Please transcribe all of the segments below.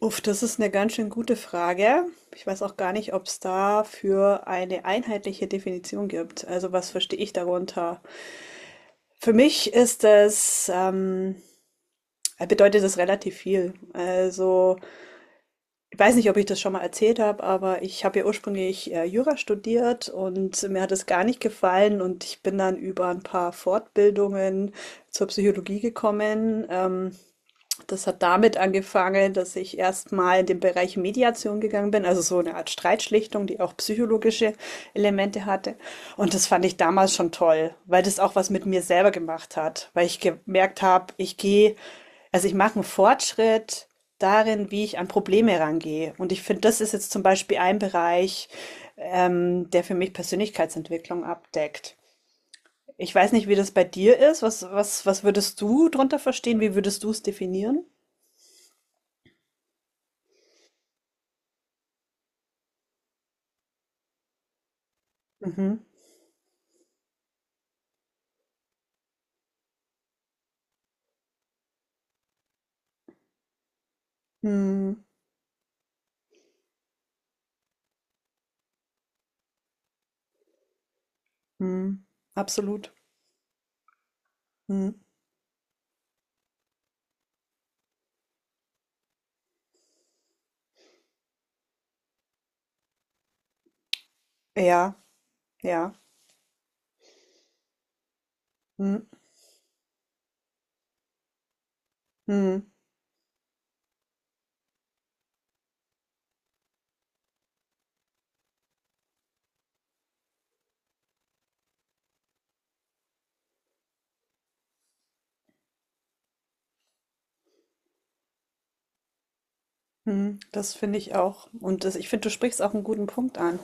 Uff, das ist eine ganz schön gute Frage. Ich weiß auch gar nicht, ob's dafür eine einheitliche Definition gibt. Also, was verstehe ich darunter? Für mich ist es, bedeutet das relativ viel. Also, ich weiß nicht, ob ich das schon mal erzählt habe, aber ich habe ja ursprünglich, Jura studiert und mir hat es gar nicht gefallen und ich bin dann über ein paar Fortbildungen zur Psychologie gekommen. Das hat damit angefangen, dass ich erst mal in den Bereich Mediation gegangen bin, also so eine Art Streitschlichtung, die auch psychologische Elemente hatte. Und das fand ich damals schon toll, weil das auch was mit mir selber gemacht hat, weil ich gemerkt habe, ich mache einen Fortschritt darin, wie ich an Probleme rangehe. Und ich finde, das ist jetzt zum Beispiel ein Bereich, der für mich Persönlichkeitsentwicklung abdeckt. Ich weiß nicht, wie das bei dir ist. Was würdest du drunter verstehen? Wie würdest du es definieren? Mhm. Mhm. Mhm. Absolut. Mhm. Ja, ja. Mhm. Mhm. Hm, das finde ich auch. Und das, ich finde, du sprichst auch einen guten Punkt an,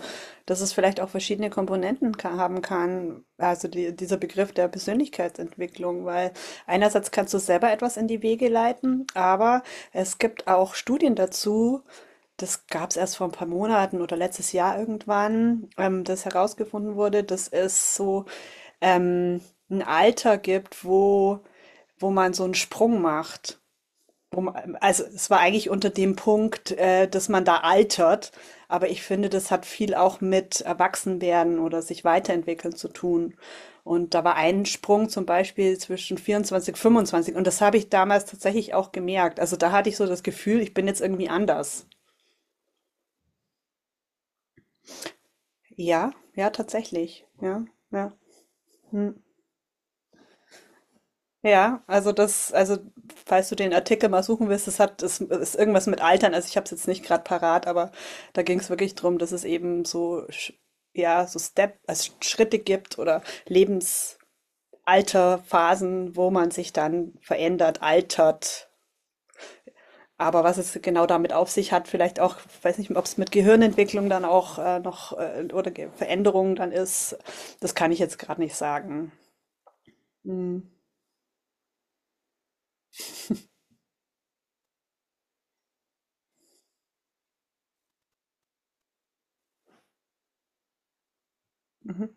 dass es vielleicht auch verschiedene Komponenten haben kann, also die, dieser Begriff der Persönlichkeitsentwicklung, weil einerseits kannst du selber etwas in die Wege leiten, aber es gibt auch Studien dazu. Das gab es erst vor ein paar Monaten oder letztes Jahr irgendwann, das herausgefunden wurde, dass es so ähm, ein Alter gibt, wo man so einen Sprung macht. Also es war eigentlich unter dem Punkt, dass man da altert, aber ich finde, das hat viel auch mit Erwachsenwerden oder sich weiterentwickeln zu tun. Und da war ein Sprung zum Beispiel zwischen 24, 25 und das habe ich damals tatsächlich auch gemerkt. Also da hatte ich so das Gefühl, ich bin jetzt irgendwie anders. Ja, ja, tatsächlich. Ja, ja. Hm. Also falls du den Artikel mal suchen willst, das ist irgendwas mit Altern. Also ich habe es jetzt nicht gerade parat, aber da ging es wirklich drum, dass es eben ja, so Step, also Schritte gibt oder Lebensalterphasen, wo man sich dann verändert, altert. Aber was es genau damit auf sich hat, vielleicht auch, weiß nicht, ob es mit Gehirnentwicklung dann auch noch oder Veränderungen dann ist, das kann ich jetzt gerade nicht sagen. Hm. Mhm.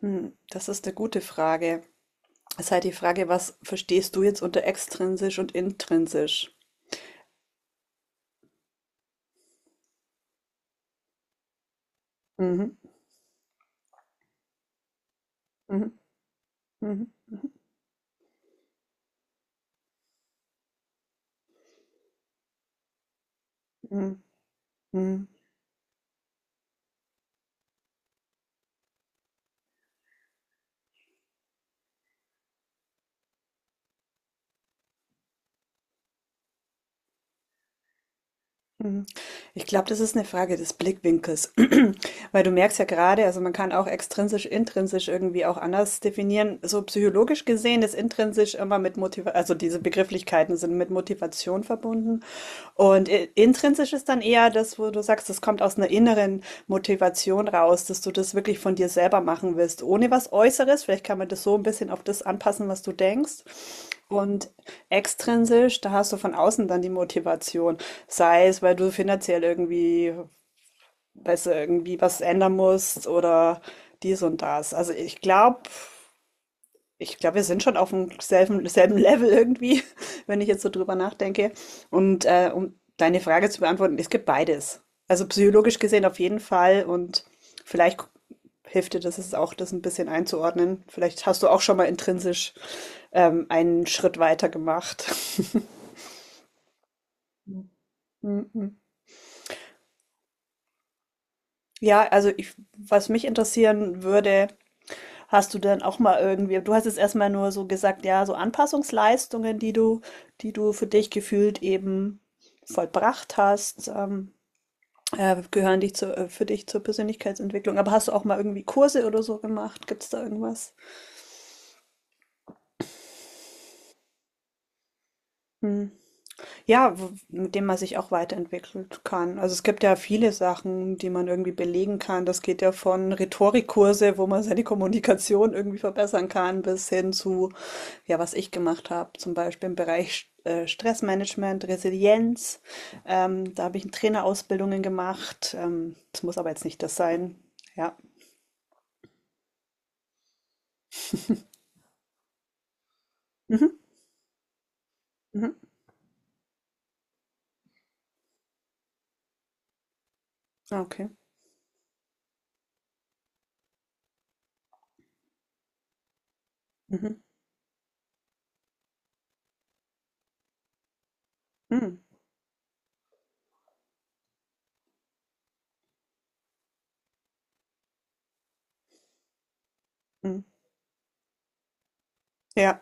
Hm, das ist eine gute Frage. Es ist halt die Frage, was verstehst du jetzt unter extrinsisch und intrinsisch? Mhm. Mhm. Mhm. Mhm. Mhm. Mhm. Ich glaube, das ist eine Frage des Blickwinkels, weil du merkst ja gerade, also man kann auch extrinsisch, intrinsisch irgendwie auch anders definieren. So psychologisch gesehen ist intrinsisch immer mit Motivation, also diese Begrifflichkeiten sind mit Motivation verbunden. Und intrinsisch ist dann eher das, wo du sagst, das kommt aus einer inneren Motivation raus, dass du das wirklich von dir selber machen willst, ohne was Äußeres. Vielleicht kann man das so ein bisschen auf das anpassen, was du denkst. Und extrinsisch, da hast du von außen dann die Motivation. Sei es, weil du finanziell irgendwie, weißt du, irgendwie was ändern musst oder dies und das. Ich glaube, wir sind schon auf dem selben Level irgendwie, wenn ich jetzt so drüber nachdenke. Und um deine Frage zu beantworten, es gibt beides. Also psychologisch gesehen auf jeden Fall und vielleicht hilft dir das jetzt auch, das ein bisschen einzuordnen. Vielleicht hast du auch schon mal intrinsisch einen Schritt weiter gemacht. Mhm. Ja, also ich, was mich interessieren würde, hast du denn auch mal irgendwie, du hast jetzt erstmal nur so gesagt, ja, so Anpassungsleistungen, die du für dich gefühlt eben vollbracht hast, für dich zur Persönlichkeitsentwicklung. Aber hast du auch mal irgendwie Kurse oder so gemacht? Gibt es da irgendwas? Hm. Ja, mit dem man sich auch weiterentwickeln kann. Also es gibt ja viele Sachen, die man irgendwie belegen kann. Das geht ja von Rhetorikkurse, wo man seine Kommunikation irgendwie verbessern kann, bis hin zu, ja, was ich gemacht habe, zum Beispiel im Bereich Stressmanagement, Resilienz. Da habe ich Trainerausbildungen gemacht. Das muss aber jetzt nicht das sein. Ja. Mhm. Mhm. Ah, okay. Mhm. Mhm. Mhm. Ja.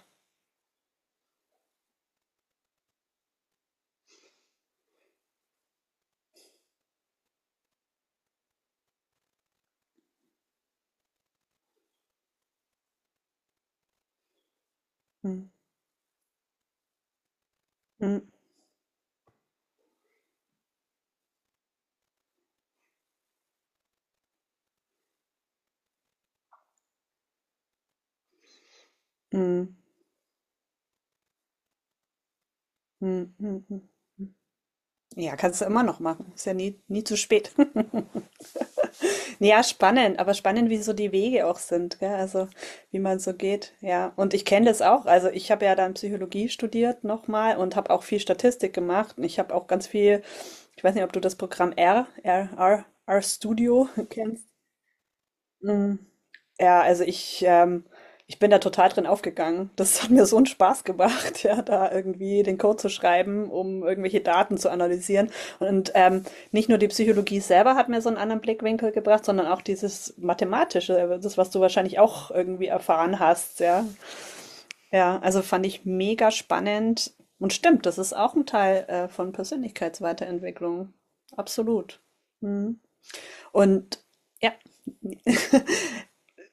Mhm. Mhm. Mhm. Mhm. Mhm. Ja, kannst du immer noch machen. Ist ja nie, nie zu spät. Ja, spannend, aber spannend, wie so die Wege auch sind, gell? Also wie man so geht. Ja, und ich kenne das auch. Also ich habe ja dann Psychologie studiert nochmal und habe auch viel Statistik gemacht. Und ich habe auch ganz viel, ich weiß nicht, ob du das Programm R Studio kennst. Mm. Ja, also ich, ich bin da total drin aufgegangen. Das hat mir so einen Spaß gemacht, ja, da irgendwie den Code zu schreiben, um irgendwelche Daten zu analysieren. Und nicht nur die Psychologie selber hat mir so einen anderen Blickwinkel gebracht, sondern auch dieses Mathematische, das, was du wahrscheinlich auch irgendwie erfahren hast, ja. Ja, also fand ich mega spannend. Und stimmt, das ist auch ein Teil von Persönlichkeitsweiterentwicklung. Absolut. Mhm. Und ja,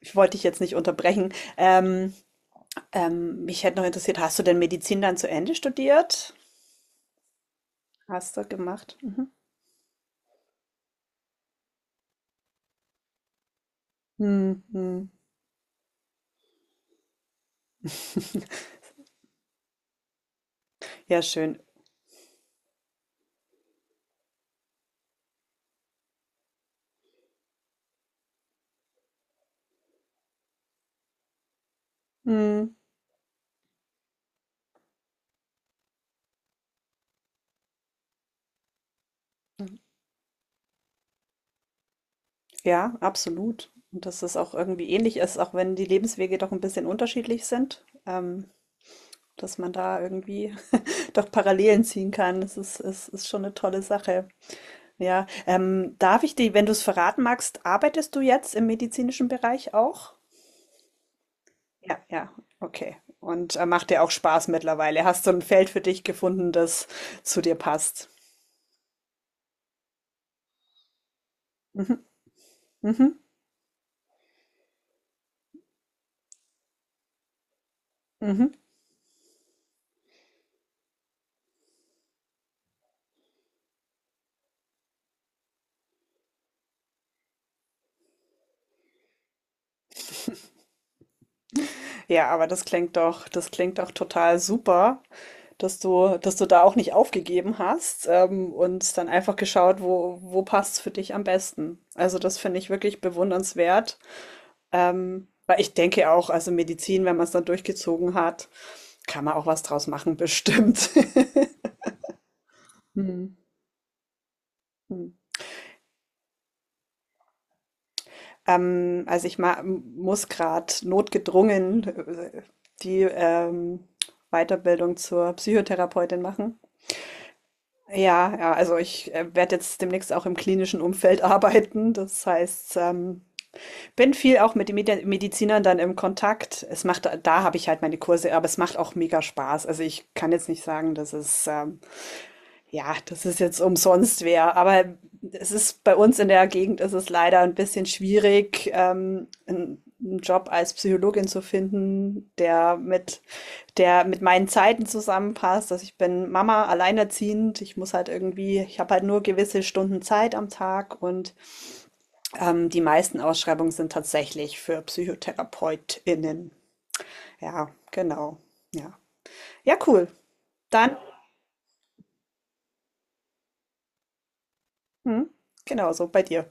ich wollte dich jetzt nicht unterbrechen. Mich hätte noch interessiert, hast du denn Medizin dann zu Ende studiert? Hast du gemacht? Mhm. Hm, hm. Ja, schön. Hm, ja, absolut. Und dass es auch irgendwie ähnlich ist, auch wenn die Lebenswege doch ein bisschen unterschiedlich sind, dass man da irgendwie doch Parallelen ziehen kann. Das ist schon eine tolle Sache. Ja, darf ich dir, wenn du es verraten magst, arbeitest du jetzt im medizinischen Bereich auch? Ja, ja, okay. Und macht dir auch Spaß mittlerweile. Hast du ein Feld für dich gefunden, das zu dir passt? Mhm, mhm, mhm. Ja, aber das klingt doch total super, dass du da auch nicht aufgegeben hast, und dann einfach geschaut, wo, wo passt es für dich am besten. Also das finde ich wirklich bewundernswert. Weil ich denke auch, also Medizin, wenn man es dann durchgezogen hat, kann man auch was draus machen, bestimmt. Hm, hm. Also ich ma muss gerade notgedrungen die Weiterbildung zur Psychotherapeutin machen. Ja, ja, also ich werde jetzt demnächst auch im klinischen Umfeld arbeiten. Das heißt, bin viel auch mit den Medizinern dann im Kontakt. Es macht, da habe ich halt meine Kurse, aber es macht auch mega Spaß. Also ich kann jetzt nicht sagen, dass es ja, das ist jetzt umsonst wer, aber es ist bei uns in der Gegend ist es leider ein bisschen schwierig, einen, einen Job als Psychologin zu finden, der mit meinen Zeiten zusammenpasst. Also ich bin Mama, alleinerziehend. Ich muss halt irgendwie, ich habe halt nur gewisse Stunden Zeit am Tag und die meisten Ausschreibungen sind tatsächlich für PsychotherapeutInnen. Ja, genau. Ja. Ja, cool. Dann, hm, genau so bei dir.